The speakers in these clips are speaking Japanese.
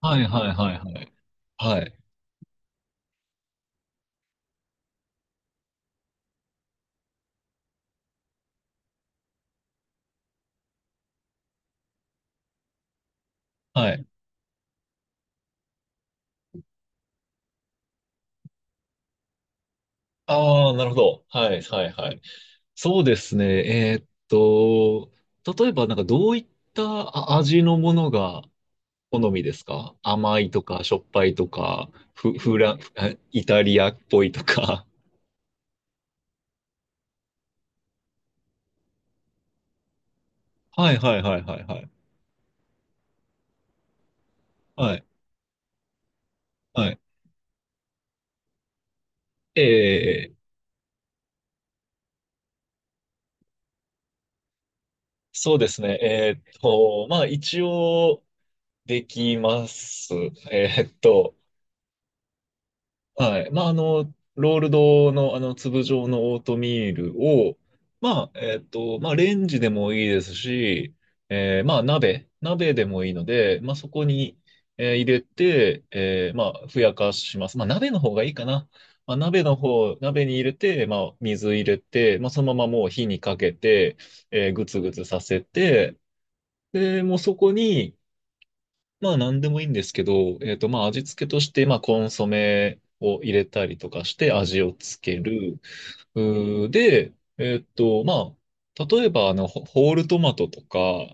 はいはいはいはい。はい。はい。ああ、なるほど。はいはいはい。そうですね。えーっと、例えばどういった味のものが好みですか？甘いとか、しょっぱいとか、フ、フラン、えイタリアっぽいとか。はいはいはいはいはい。はい。はい。ええ、そうですね。一応できます。えーっと、はい。ロールドの、粒状のオートミールを、レンジでもいいですし、鍋でもいいので、そこに入れて、ふやかします。鍋の方がいいかな。まあ、鍋の方、鍋に入れて、水入れて、そのままもう火にかけて、ぐつぐつさせて、で、もうそこに、何でもいいんですけど、味付けとして、コンソメを入れたりとかして味をつける。うーで、えっとまあ、例えばホールトマトとか、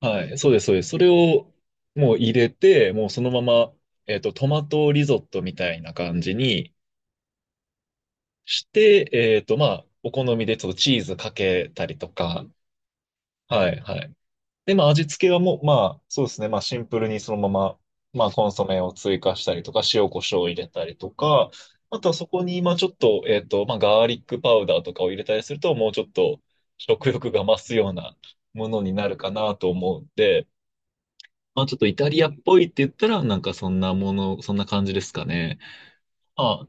はい、そうです。それをもう入れて、もうそのまま、トマトリゾットみたいな感じにして、お好みでちょっとチーズかけたりとか、はい、はい。で、味付けはもう、まあ、そうですね。シンプルにそのまま、コンソメを追加したりとか、塩コショウを入れたりとか、あとはそこに、まあ、ちょっと、えっと、まあ、ガーリックパウダーとかを入れたりすると、もうちょっと食欲が増すようなものになるかなと思うんで、ちょっとイタリアっぽいって言ったら、そんな感じですかね。まあ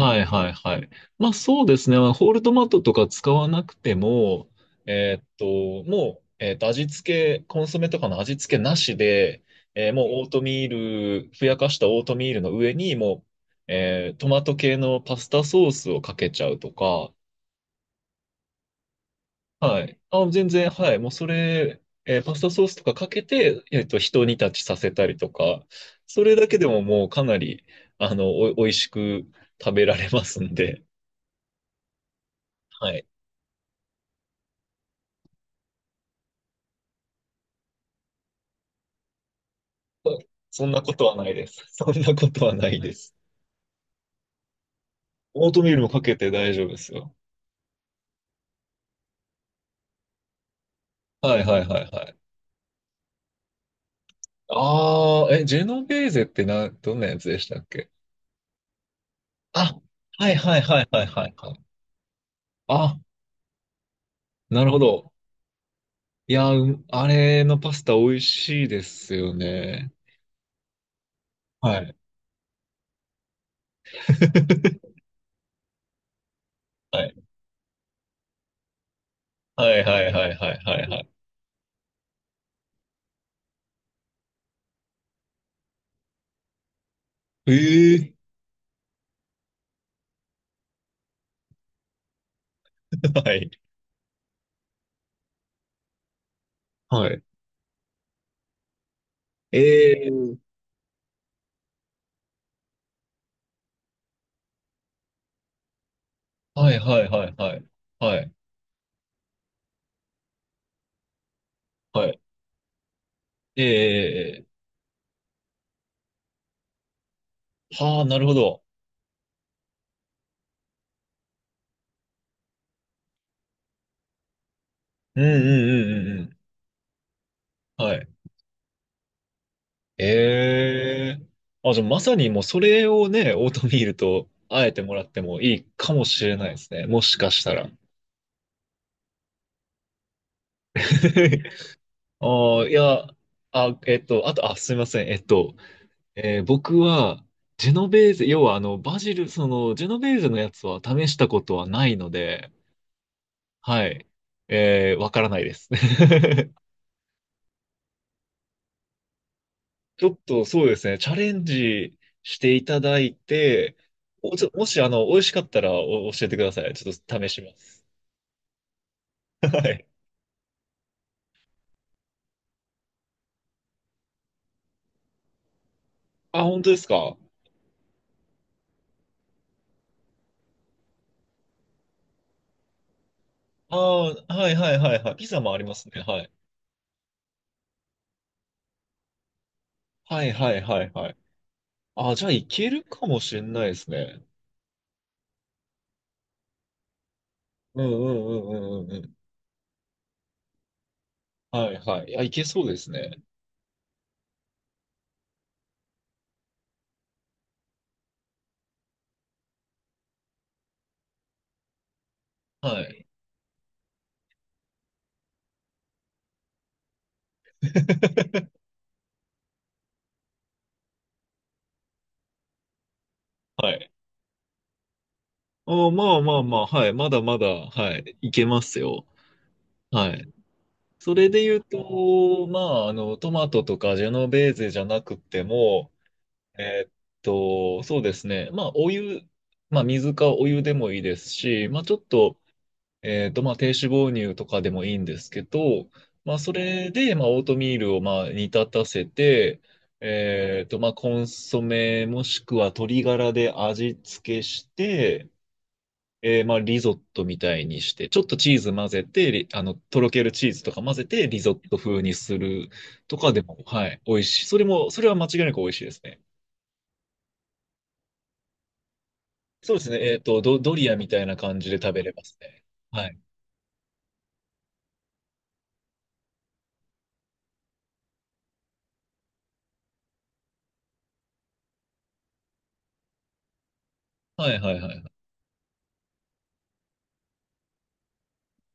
はいはいはい。そうですね。ホールトマトとか使わなくても、えーっと、もう、えーっと、味付け、コンソメとかの味付けなしで、えーもうオートミール、ふやかしたオートミールの上にもう、えートマト系のパスタソースをかけちゃうとか、はい。あ、全然、はい。もうそれ、パスタソースとかかけて、一煮立ちさせたりとか、それだけでももうかなり、美味しく食べられますんで、はい。そんなことはないです。そんなことはないです。オートミールもかけて大丈夫ですよ。はいはいはいはい。ああ、ジェノベーゼってどんなやつでしたっけ？あ、はいはいはいはいはいはい。あ、なるほど。いや、あれのパスタ美味しいですよね。はい。はい。はいはいはいはいはいはい。ええー。はい。はい。ええー。はいはいはいはい。はい。はい。ええー。はあ、なるほど。うんうんうんうんうん。はい。ええあ、じゃあまさにもうそれをね、オートミールとあえてもらってもいいかもしれないですね。もしかしたら。ああ、いや、あ、えっと、あと、あ、すみません。僕は、ジェノベーゼ、要はバジル、ジェノベーゼのやつは試したことはないので、はい。わからないです。ちょっとそうですね、チャレンジしていただいて、おちょもし、美味しかったらお教えてください。ちょっと試します。はい。あ、本当ですか？ああー、はいはいはいはい。ピザもありますね。はい。はいはいはいはい。あーじゃあいけるかもしれないですね。うんうんうんうんうんうん。はいはい。いや、いけそうですね。はい。はい。あーまあまあまあ、はい。まだまだ、はい。いけますよ。はい。それで言うと、トマトとかジェノベーゼじゃなくても、えーっそうですね。まあ、お湯、まあ、水かお湯でもいいですし、まあ、ちょっと、えーっと、まあ、低脂肪乳とかでもいいんですけど、それで、オートミールを、煮立たせて、コンソメもしくは鶏ガラで味付けして、リゾットみたいにして、ちょっとチーズ混ぜて、とろけるチーズとか混ぜて、リゾット風にするとかでも、はい、美味しい。それは間違いなく美味しいですね。そうですね。ドリアみたいな感じで食べれますね。はい。はいはいはいはい。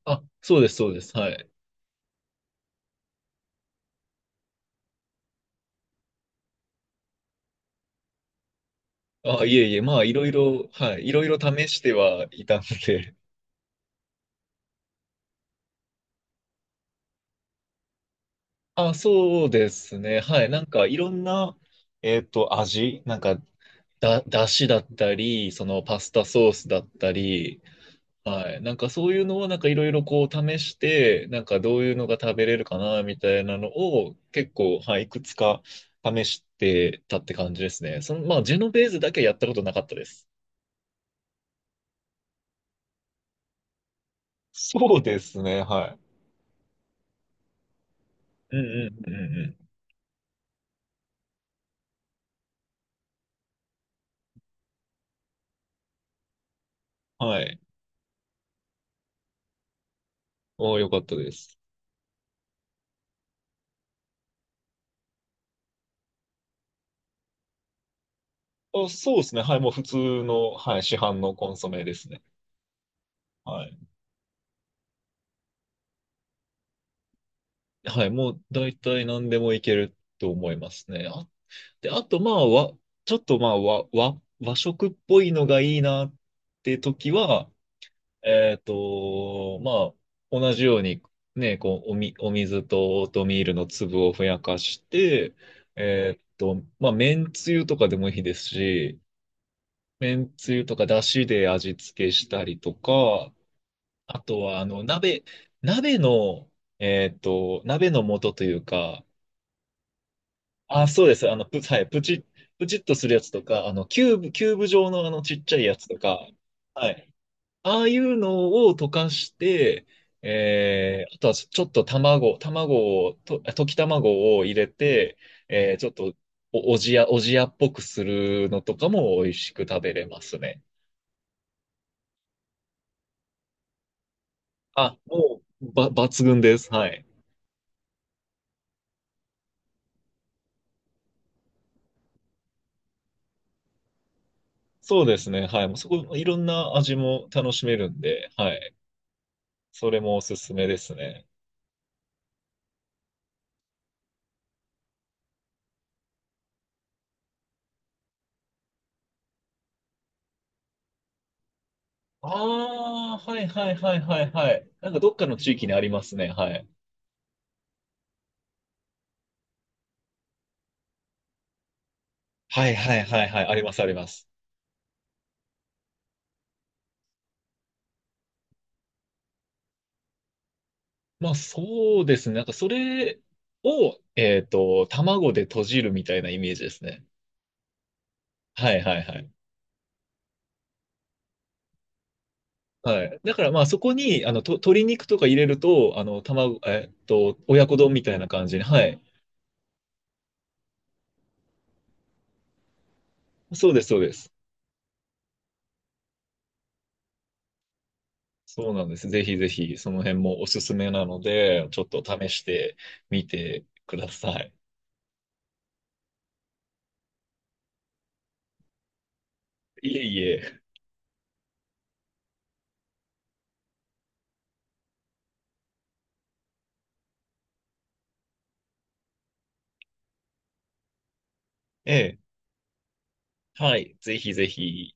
あ、そうです。はい。あ、いえいえ、まあ、いろいろ、はい、いろいろ試してはいたんで。あ、そうですね。はい。いろんな、味、なんか、だ、だしだったり、パスタソースだったり、はい。なんかそういうのをいろいろこう試して、なんかどういうのが食べれるかなみたいなのを結構、はい、いくつか試してたって感じですね。ジェノベーゼだけやったことなかったです。そうですね、はい。うんうんうんうんうん。はい。おー、よかったです。あ、そうですね、はい、もう普通の、はい、市販のコンソメですね。はい。はい、もう大体何でもいけると思いますね。で、あと、まあ、わ、ちょっと、まあ、わ、和、和食っぽいのがいいなって時は、えっと、ま同じように、ね、こう、お水とオートミールの粒をふやかして、麺つゆとかでもいいですし、麺つゆとか出汁で味付けしたりとか、あとは、鍋の、鍋の素というか、あ、そうです。はい、プチッとするやつとか、キューブ状のあのちっちゃいやつとか、はい。ああいうのを溶かして、えー、あとはちょっと卵を、溶き卵を入れて、えー、ちょっとおじやっぽくするのとかも美味しく食べれますね。あ、もう、抜群です。はい。そうですね。はい。もうそこ、いろんな味も楽しめるんで、はい。それもおすすめですね。ああ、はいはいはいはいはい。なんかどっかの地域にありますね。はい。はいはいはいはい。あります、あります。まあそうですね。なんかそれを、卵で閉じるみたいなイメージですね。はいはいはい。はい。だからまあそこに、鶏肉とか入れると、あの、卵、えっと、親子丼みたいな感じに。はい。そうです。そうなんです。ぜひぜひ、その辺もおすすめなので、ちょっと試してみてください。いえいえ。ええ。はい、ぜひぜひ。